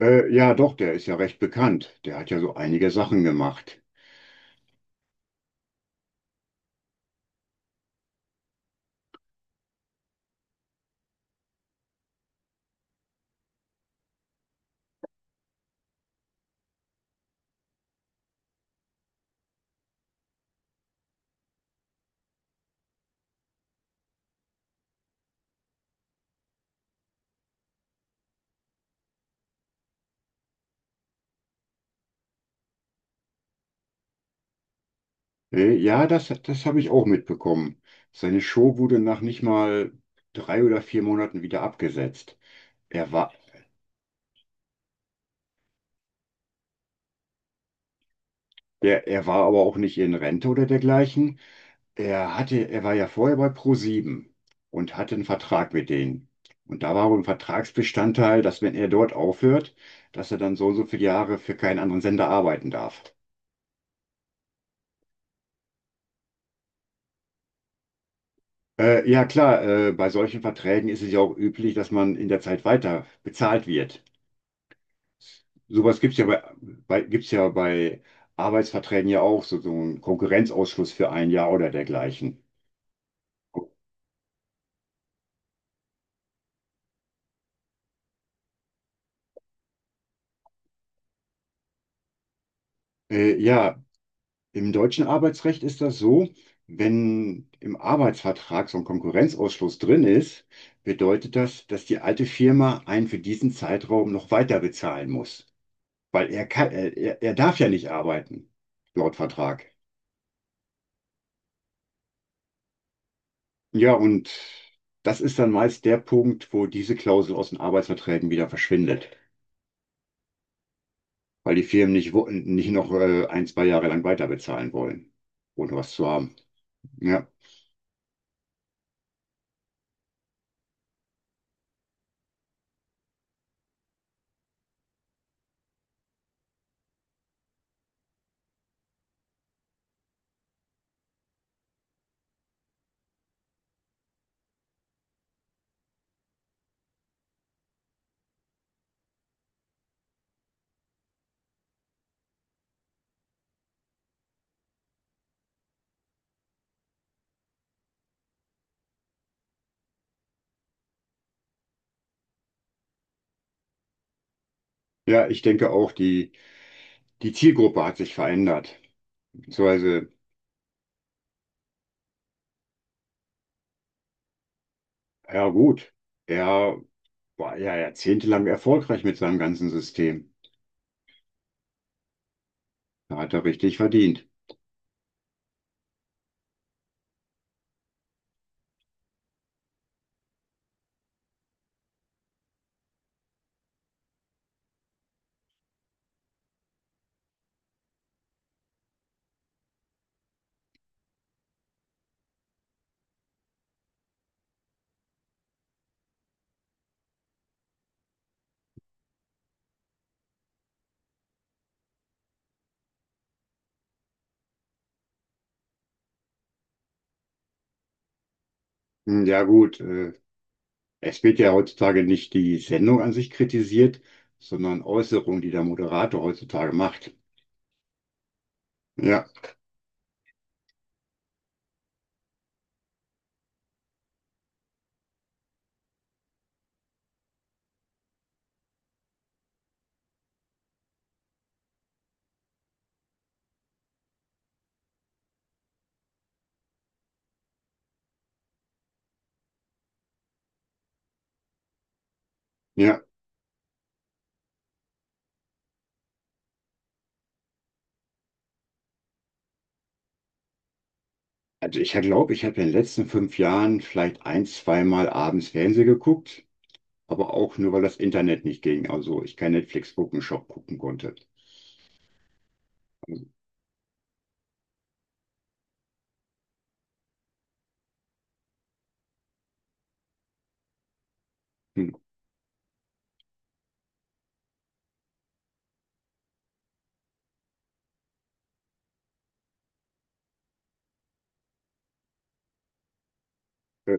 Ja, doch, der ist ja recht bekannt. Der hat ja so einige Sachen gemacht. Ja, das habe ich auch mitbekommen. Seine Show wurde nach nicht mal drei oder vier Monaten wieder abgesetzt. Er war, er war aber auch nicht in Rente oder dergleichen. Er war ja vorher bei ProSieben und hatte einen Vertrag mit denen. Und da war wohl ein Vertragsbestandteil, dass, wenn er dort aufhört, dass er dann so und so viele Jahre für keinen anderen Sender arbeiten darf. Ja klar, bei solchen Verträgen ist es ja auch üblich, dass man in der Zeit weiter bezahlt wird. Sowas gibt's ja bei Arbeitsverträgen ja auch, so, so einen Konkurrenzausschluss für ein Jahr oder dergleichen. Ja, im deutschen Arbeitsrecht ist das so: Wenn im Arbeitsvertrag so ein Konkurrenzausschluss drin ist, bedeutet das, dass die alte Firma einen für diesen Zeitraum noch weiter bezahlen muss, weil er darf ja nicht arbeiten, laut Vertrag. Ja, und das ist dann meist der Punkt, wo diese Klausel aus den Arbeitsverträgen wieder verschwindet, weil die Firmen nicht noch ein, zwei Jahre lang weiter bezahlen wollen, ohne was zu haben. Ja, ja, ich denke auch, die Zielgruppe hat sich verändert. Beziehungsweise, ja gut, er war ja jahrzehntelang erfolgreich mit seinem ganzen System. Da hat er richtig verdient. Hm, ja gut, es wird ja heutzutage nicht die Sendung an sich kritisiert, sondern Äußerungen, die der Moderator heutzutage macht. Ja, ja. Also ich glaube, ich habe in den letzten fünf Jahren vielleicht ein, zweimal abends Fernsehen geguckt, aber auch nur, weil das Internet nicht ging. Also ich kein Netflix gucken, Shop gucken konnte. Also, Hm, äh,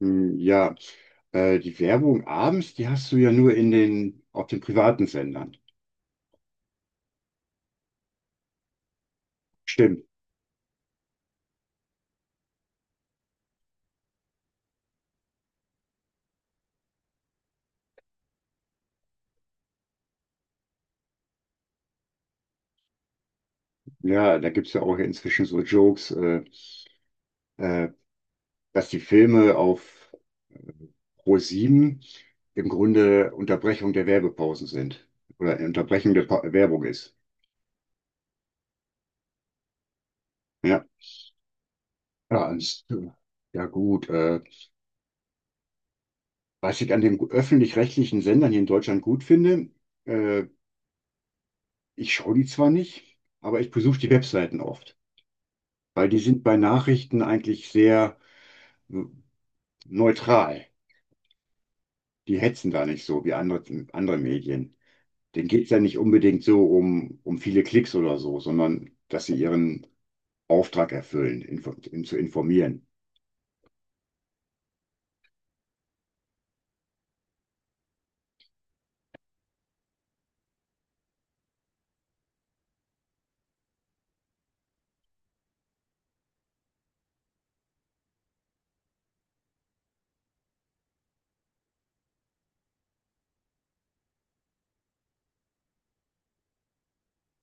hm, Ja, die Werbung abends, die hast du ja nur in den, auf den privaten Sendern. Stimmt. Ja, da gibt es ja auch ja inzwischen so Jokes, äh, dass die Filme auf pro sieben im Grunde Unterbrechung der Werbepausen sind oder Unterbrechung der Werbung ist. Ja, Ja, ans- ja gut. Was ich an den öffentlich-rechtlichen Sendern hier in Deutschland gut finde, äh, ich schaue die zwar nicht, aber ich besuche die Webseiten oft, weil die sind bei Nachrichten eigentlich sehr äh, neutral. Die hetzen da nicht so wie andere Medien. Denen geht's ja nicht unbedingt so um viele Klicks oder so, sondern dass sie ihren Auftrag erfüllen, zu informieren.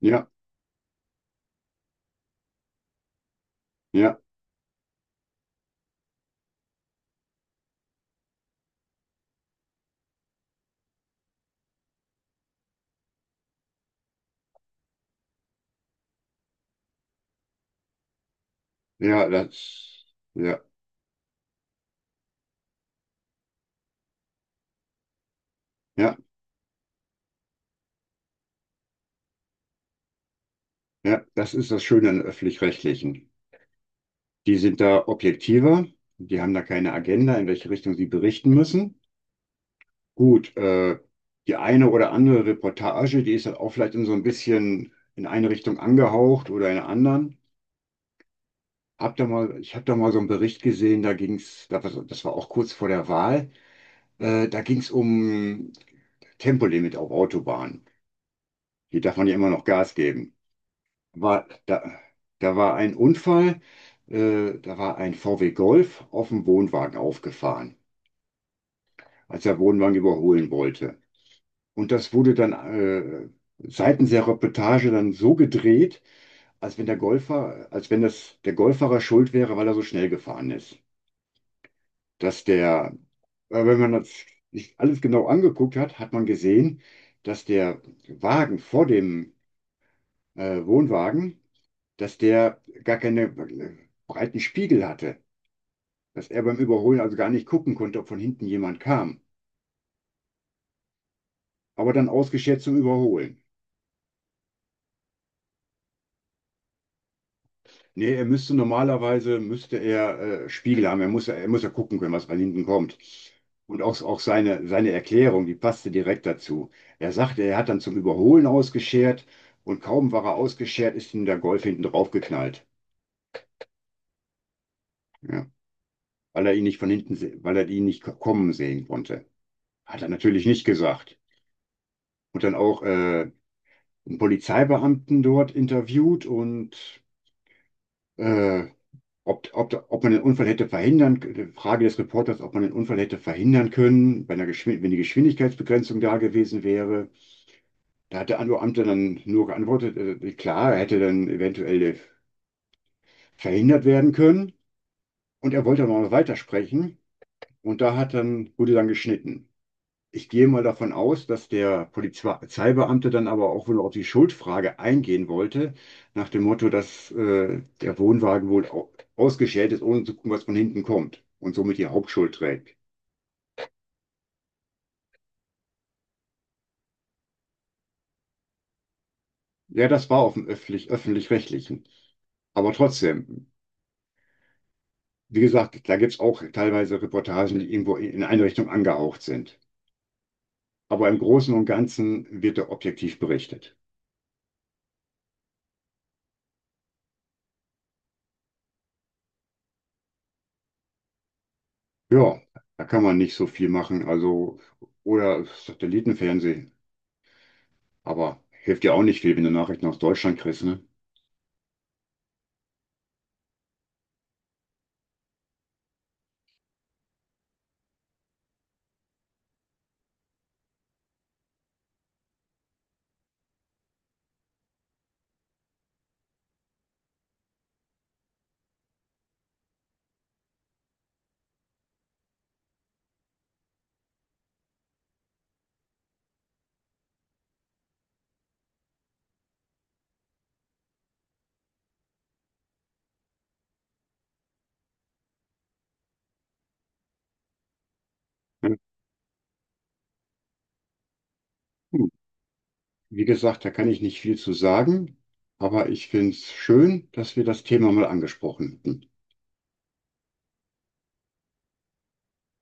Ja, ja, ja, das, ja, ja, ja, das ist das Schöne an öffentlich-rechtlichen. Die sind da objektiver, die haben da keine Agenda, in welche Richtung sie berichten müssen. Gut, die eine oder andere Reportage, die ist halt auch vielleicht in so ein bisschen in eine Richtung angehaucht oder in eine anderen. Ich habe da mal so einen Bericht gesehen, da ging's, da war- so, das war auch kurz vor der Wahl, da ging's um Tempolimit auf Autobahnen. Hier darf man ja immer noch Gas geben. War, da, Da war ein Unfall, da war ein VW Golf auf dem Wohnwagen aufgefahren, als er Wohnwagen überholen wollte. Und das wurde dann seitens der Reportage dann so gedreht, als wenn das der Golffahrer schuld wäre, weil er so schnell gefahren ist. Dass der, Wenn man das sich alles genau angeguckt hat, hat man gesehen, dass der Wagen vor dem Wohnwagen, dass der gar keine breiten Spiegel hatte. Dass er beim Überholen also gar nicht gucken konnte, ob von hinten jemand kam. Aber dann ausgeschert zum Überholen. Nee, müsste er Spiegel haben. Er muss ja gucken können, was von hinten kommt. Und auch seine Erklärung, die passte direkt dazu. Er sagte, er hat dann zum Überholen ausgeschert, und kaum war er ausgeschert, ist ihm der Golf hinten draufgeknallt. Ja, weil er ihn nicht kommen sehen konnte. Hat er natürlich nicht gesagt. Und dann auch einen Polizeibeamten dort interviewt und äh, ob, ob, ob man den Unfall hätte verhindern, die Frage des Reporters, ob man den Unfall hätte verhindern können, bei einer Geschwind wenn die Geschwindigkeitsbegrenzung da gewesen wäre. Da hat der Beamte dann nur geantwortet, klar, er hätte dann eventuell verhindert werden können. Und er wollte aber noch weitersprechen. Und wurde dann geschnitten. Ich gehe mal davon aus, dass der Polizeibeamte dann aber auch wohl auf die Schuldfrage eingehen wollte, nach dem Motto, dass der Wohnwagen wohl ausgeschält ist, ohne zu gucken, was von hinten kommt, und somit die Hauptschuld trägt. Ja, das war auf dem öffentlich-rechtlichen. Aber trotzdem, wie gesagt, da gibt's auch teilweise Reportagen, die irgendwo in eine Richtung angehaucht sind. Aber im Großen und Ganzen wird da objektiv berichtet. Ja, da kann man nicht so viel machen. Also, oder Satellitenfernsehen. Aber hilft dir auch nicht viel, wenn du Nachrichten aus Deutschland kriegst, ne? Ja, hm. Wie gesagt, da kann ich nicht viel zu sagen, aber ich finde es schön, dass wir das Thema mal angesprochen hatten.